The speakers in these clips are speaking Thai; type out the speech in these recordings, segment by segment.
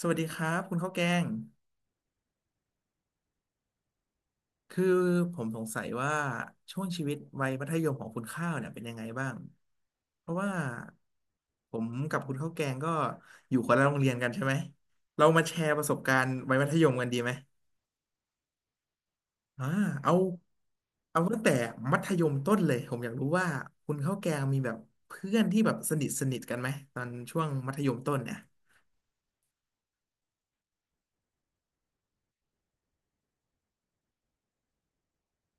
สวัสดีครับคุณข้าวแกงคือผมสงสัยว่าช่วงชีวิตวัยมัธยมของคุณข้าวเนี่ยเป็นยังไงบ้าง เพราะว่าผมกับคุณข้าวแกงก็อยู่คนละโรงเรียนกันใช่ไหมเรามาแชร์ประสบการณ์วัยมัธยมกันดีไหมอ่าเอาเอาตั้งแต่มัธยมต้นเลย ผมอยากรู้ว่าคุณข้าวแกงมีแบบเพื่อนที่แบบสนิทสนิทกันไหมตอนช่วงมัธยมต้นเนี่ย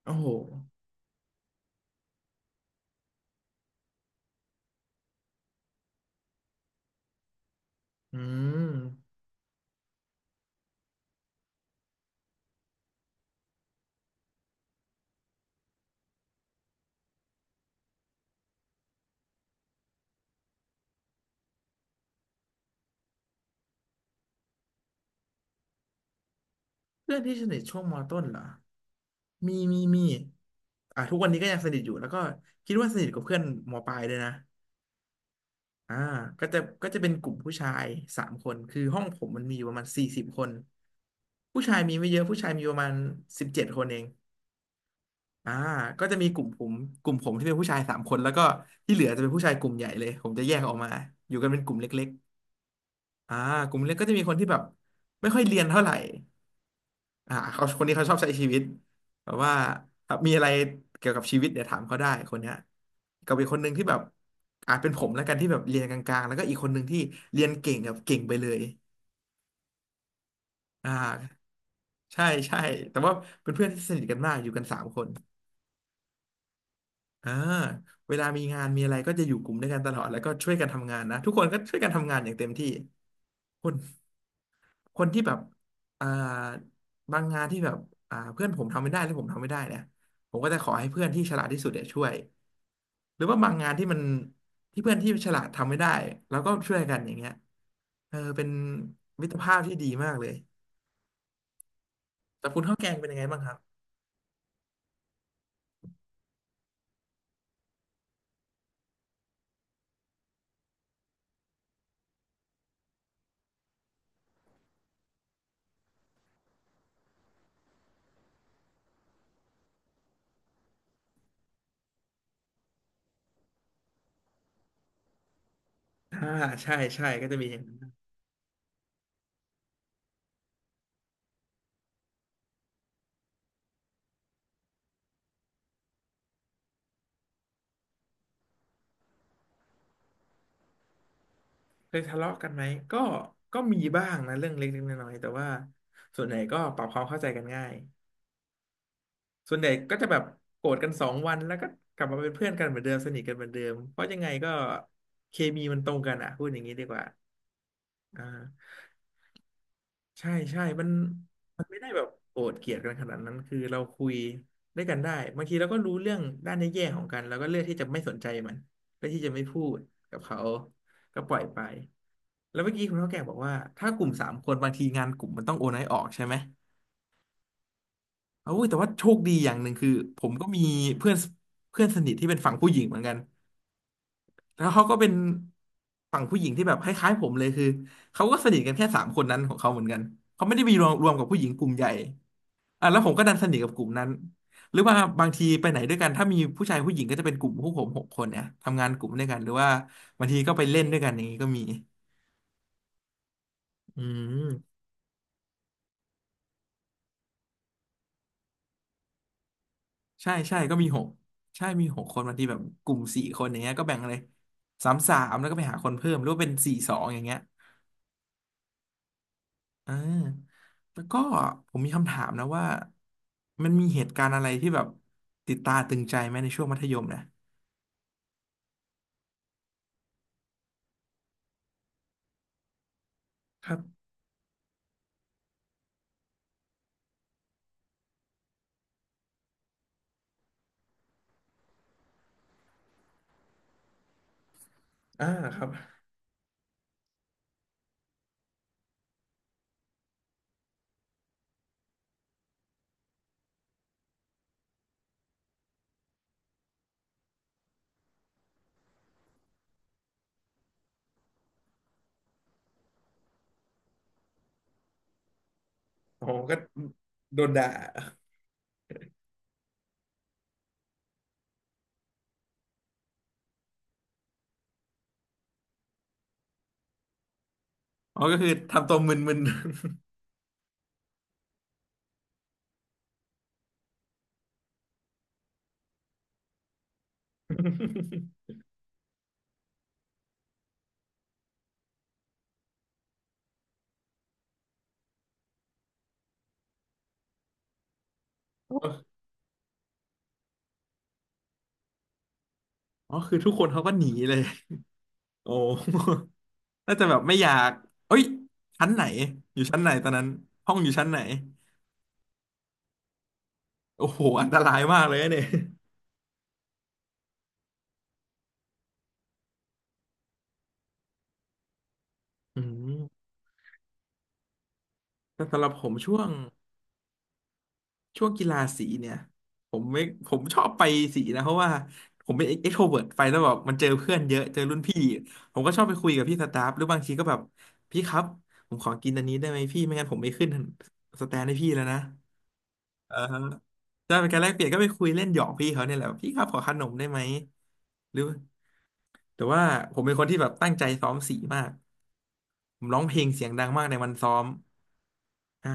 โอ้โหอืม เพื่อนที่สนิทช่วงมต้นเหรอมีมีมีอ่ะทุกวันนี้ก็ยังสนิทอยู่แล้วก็คิดว่าสนิทกับเพื่อนมปลายด้วยนะอ่าก็จะเป็นกลุ่มผู้ชายสามคนคือห้องผมมันมีอยู่ประมาณ40 คนผู้ชายมีไม่เยอะผู้ชายมีประมาณ17 คนเองอ่าก็จะมีกลุ่มผมที่เป็นผู้ชายสามคนแล้วก็ที่เหลือจะเป็นผู้ชายกลุ่มใหญ่เลยผมจะแยกออกมาอยู่กันเป็นกลุ่มเล็กๆอ่ากลุ่มเล็กก็จะมีคนที่แบบไม่ค่อยเรียนเท่าไหร่ อ่าเขาคนนี้เขาชอบใช้ชีวิตแบบว่าอ่ะมีอะไรเกี่ยวกับชีวิตเดี๋ยวถามเขาได้คนเนี้ยกับอีกคนหนึ่งที่แบบอาจเป็นผมแล้วกันที่แบบเรียนกลางๆแล้วก็อีกคนหนึ่งที่เรียนเก่งแบบเก่งไปเลยอ่าใช่ใช่แต่ว่าเป็นเพื่อนที่สนิทกันมากอยู่กันสามคนอ่าเวลามีงานมีอะไรก็จะอยู่กลุ่มด้วยกันตลอดแล้วก็ช่วยกันทำงานนะทุกคนก็ช่วยกันทำงานอย่างเต็มที่คน คนที่แบบอ่าบางงานที่แบบอ่าเพื่อนผมทำไม่ได้หรือผมทำไม่ได้เนี่ยผมก็จะขอให้เพื่อนที่ฉลาดที่สุดเนี่ยช่วยหรือว่าบางงานที่ที่เพื่อนที่ฉลาดทำไม่ได้แล้วก็ช่วยกันอย่างเงี้ยเออเป็นมิตรภาพที่ดีมากเลยแต่คุณข้าวแกงเป็นยังไงบ้างครับอ่าใช่ใช่ก็จะมีอย่างนั้นบ้างเคยทะเลาะกันไหมก็ก็มีบ้างนะเรื่องเล็กๆน้อยๆแต่ว่าส่วนใหญ่ก็ปรับความเข้าใจกันง่าย ส่วนใหญ่ก็จะแบบโกรธกัน2 วันแล้วก็กลับมาเป็นเพื่อนกันเหมือนเดิมสนิทกันเหมือนเดิมเพราะยังไงก็เคมีมันตรงกันอ่ะพูดอย่างนี้ดีกว่าอ่าใช่ใช่มันไม่ได้แบบโกรธเกลียดกันขนาดนั้นคือเราคุยด้วยกันได้บางทีเราก็รู้เรื่องด้านแย่ๆของกันแล้วก็เลือกที่จะไม่สนใจมันเลือกที่จะไม่พูดกับเขาก็ปล่อยไปแล้วเมื่อกี้คุณเท่าแก่บอกว่าถ้ากลุ่มสามคนบางทีงานกลุ่มมันต้องโอนให้ออกใช่ไหม เอา้ยแต่ว่าโชคดีอย่างหนึ่งคือผมก็มีเพื่อนเพื่อนสนิทที่เป็นฝั่งผู้หญิงเหมือนกันแล้วเขาก็เป็นฝั่งผู้หญิงที่แบบคล้ายๆผมเลยคือเขาก็สนิทกันแค่สามคนนั้นของเขาเหมือนกันเขาไม่ได้มีรวมกับผู้หญิงกลุ่มใหญ่อ่ะแล้วผมก็ดันสนิทกับกลุ่มนั้นหรือว่าบางทีไปไหนด้วยกันถ้ามีผู้ชายผู้หญิงก็จะเป็นกลุ่มพวกผมหกคนเนี่ยทำงานกลุ่มด้วยกันหรือว่าบางทีก็ไปเล่นด้วยกันอย่างนี้ก็มีอืม ใช่ใช่ก็มีหกใช่มีหกคนบางทีแบบกลุ่มสี่คนอย่างเงี้ยก็แบ่งเลยสามสามแล้วก็ไปหาคนเพิ่มหรือว่าเป็นสี่สองอย่างเงี้ยอ่าแล้วก็ผมมีคำถามนะว่ามันมีเหตุการณ์อะไรที่แบบติดตาตึงใจไหมในช่วงมัธยมนะครับอ่าครับผมก็โดนด่าอ๋อก็คือทำตัวมึนๆ อ๋อคือทุกคนเขาก็หนีเลยโอ้ น่าจะแบบไม่อยากเอ้ยชั้นไหนอยู่ชั้นไหนตอนนั้นห้องอยู่ชั้นไหน โอ้โหอันตรายมากเลยนะเนี่ยอืมแต่สำหรับผมช่วงกีฬาสีเนี่ยผมไม่ผมชอบไปสีนะเพราะว่าผมเป็นเอ็กโทรเวิร์ไปแล้วแบบมันเจอเพื่อนเยอะเจอรุ่นพี่ผมก็ชอบไปคุยกับพี่สตาฟหรือบางทีก็แบบพี่ครับผมขอกินอันนี้ได้ไหมพี่ไม่งั้นผมไม่ขึ้นสแตนให้พี่แล้วนะเออจะเป็นการแลกเปลี่ยนก็ไปคุยเล่นหยอกพี่เขาเนี่ยแหละพี่ครับขอขนมได้ไหมหรือแต่ว่าผมเป็นคนที่แบบตั้งใจซ้อมสีมากผมร้องเพลงเสียงดังมากในวันซ้อม ใช่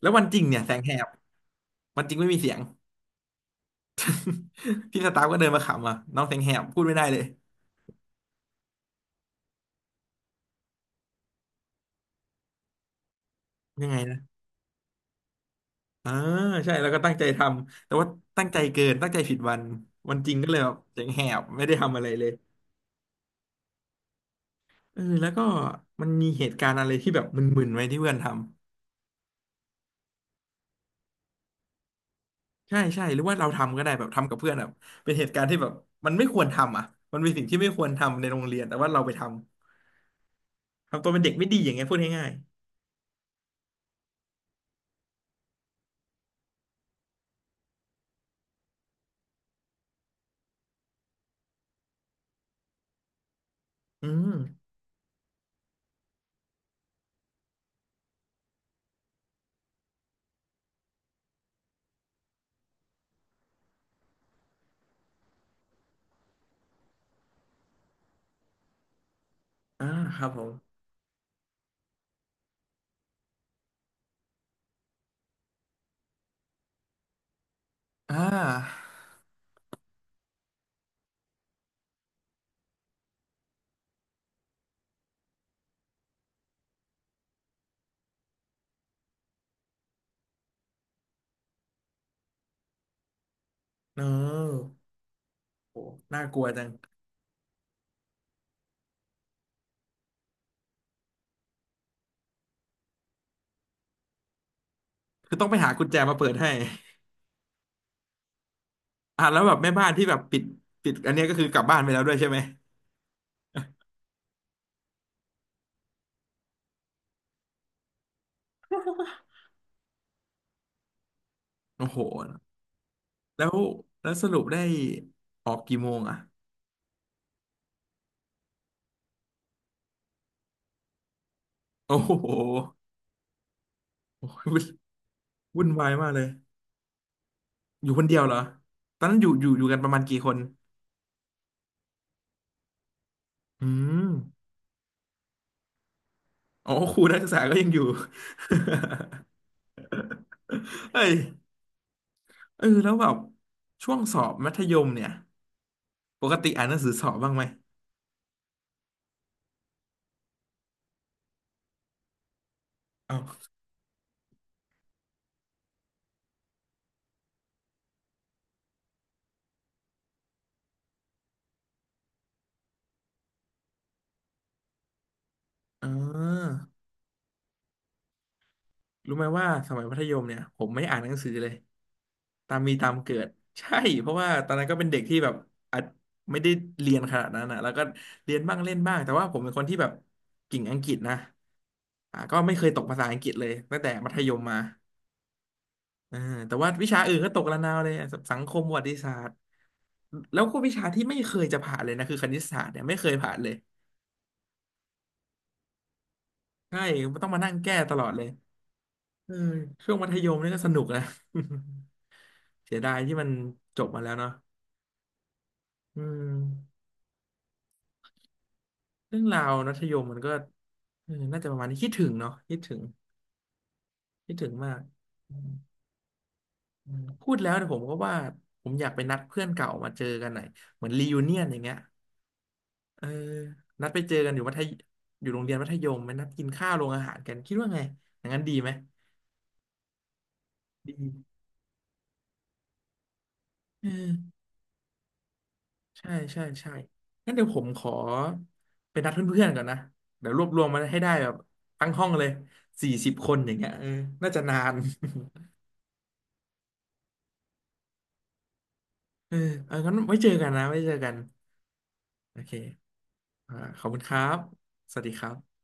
แล้ววันจริงเนี่ยแสงแหบวันจริงไม่มีเสียง พี่สตาฟก็เดินมาขำอ่ะน้องแสงแหบพูดไม่ได้เลยยังไงนะอ่าใช่แล้วก็ตั้งใจทำแต่ว่าตั้งใจเกินตั้งใจผิดวันวันจริงก็เลยแบบแสงแหบไม่ได้ทำอะไรเลยเออแล้วก็มันมีเหตุการณ์อะไรที่แบบมึนๆไหมที่เพื่อนทำใช่ใช่หรือว่าเราทำก็ได้แบบทำกับเพื่อนแบบเป็นเหตุการณ์ที่แบบมันไม่ควรทำอ่ะมันเป็นสิ่งที่ไม่ควรทำในโรงเรียนแต่ว่าเราไปทำทำตัวเป็นเด็กไม่ดีอย่างเงี้ยพูดง่ายๆอืมอ่าครับผมอ่า no โอ้น่ากลัวจังคือต้องไปหากุญแจมาเปิดให้อ่ะแล้วแบบแม่บ้านที่แบบปิดอันเนี้ยก็คือกลับบ้านไปแล้วด้วยใช่ไหม โอ้โหแล้วแล้วสรุปได้ออกกี่โมงอ่ะโอ้โหโอ้ยวุ่นวุ่นวายมากเลย อยู่คนเดียวเหรอ ตอนนั้นอยู่กันประมาณกี่คนอืมอ๋อครูนักศึกษาก็ยังอยู่ เอ้ยเออแล้วแบบช่วงสอบมัธยมเนี่ยปกติอ่านหนังสือสอบบ้างไหมเอ้าอ๋อ รู้ไหมว่าสมัยมัธยมเนี่ยผมไม่อ่านหนังสือเลยตามมีตามเกิด ใช่เพราะว่าตอนนั้นก็เป็นเด็กที่แบบอาจไม่ได้เรียนขนาดนั้นนะแล้วก็เรียนบ้างเล่นบ้างแต่ว่าผมเป็นคนที่แบบกิ่งอังกฤษนะอ่าก็ไม่เคยตกภาษาอังกฤษเลยตั้งแต่มัธยมมาเออแต่ว่าวิชาอื่นก็ตกระนาวเลยอะสังคมประวัติศาสตร์แล้วก็วิชาที่ไม่เคยจะผ่านเลยนะคือคณิตศาสตร์เนี่ยไม่เคยผ่านเลยใช่ต้องมานั่งแก้ตลอดเลยเออช่วงมัธยมนี่ก็สนุกนะ เสียดายที่มันจบมาแล้วเนาะ อืมเรื่องราวมัธยมมันก็เออน่าจะประมาณนี้คิดถึงเนาะคิดถึงคิดถึงมากอืมอืมพูดแล้วเนี่ยผมก็ว่าผมอยากไปนัดเพื่อนเก่ามาเจอกันหน่อยเหมือนรียูเนียนอย่างเงี้ยเออนัดไปเจอกันอยู่มัธยอยู่โรงเรียนมัธยมไปนัดกินข้าวโรงอาหารกันคิดว่าไงอย่างนั้นดีไหมดีเออใช่ใช่ใช่งั้นเดี๋ยวผมขอไปนัดเพื่อนๆก่อนนะเดี๋ยวรวบรวมมาให้ได้แบบทั้งห้องเลย40 คนอย่างเงี้ยเออน่าจะนาน เออเอองั้นไว้เจอกันนะไว้เจอกันโอเคอ่าขอบคุณครับสวัสดีครับ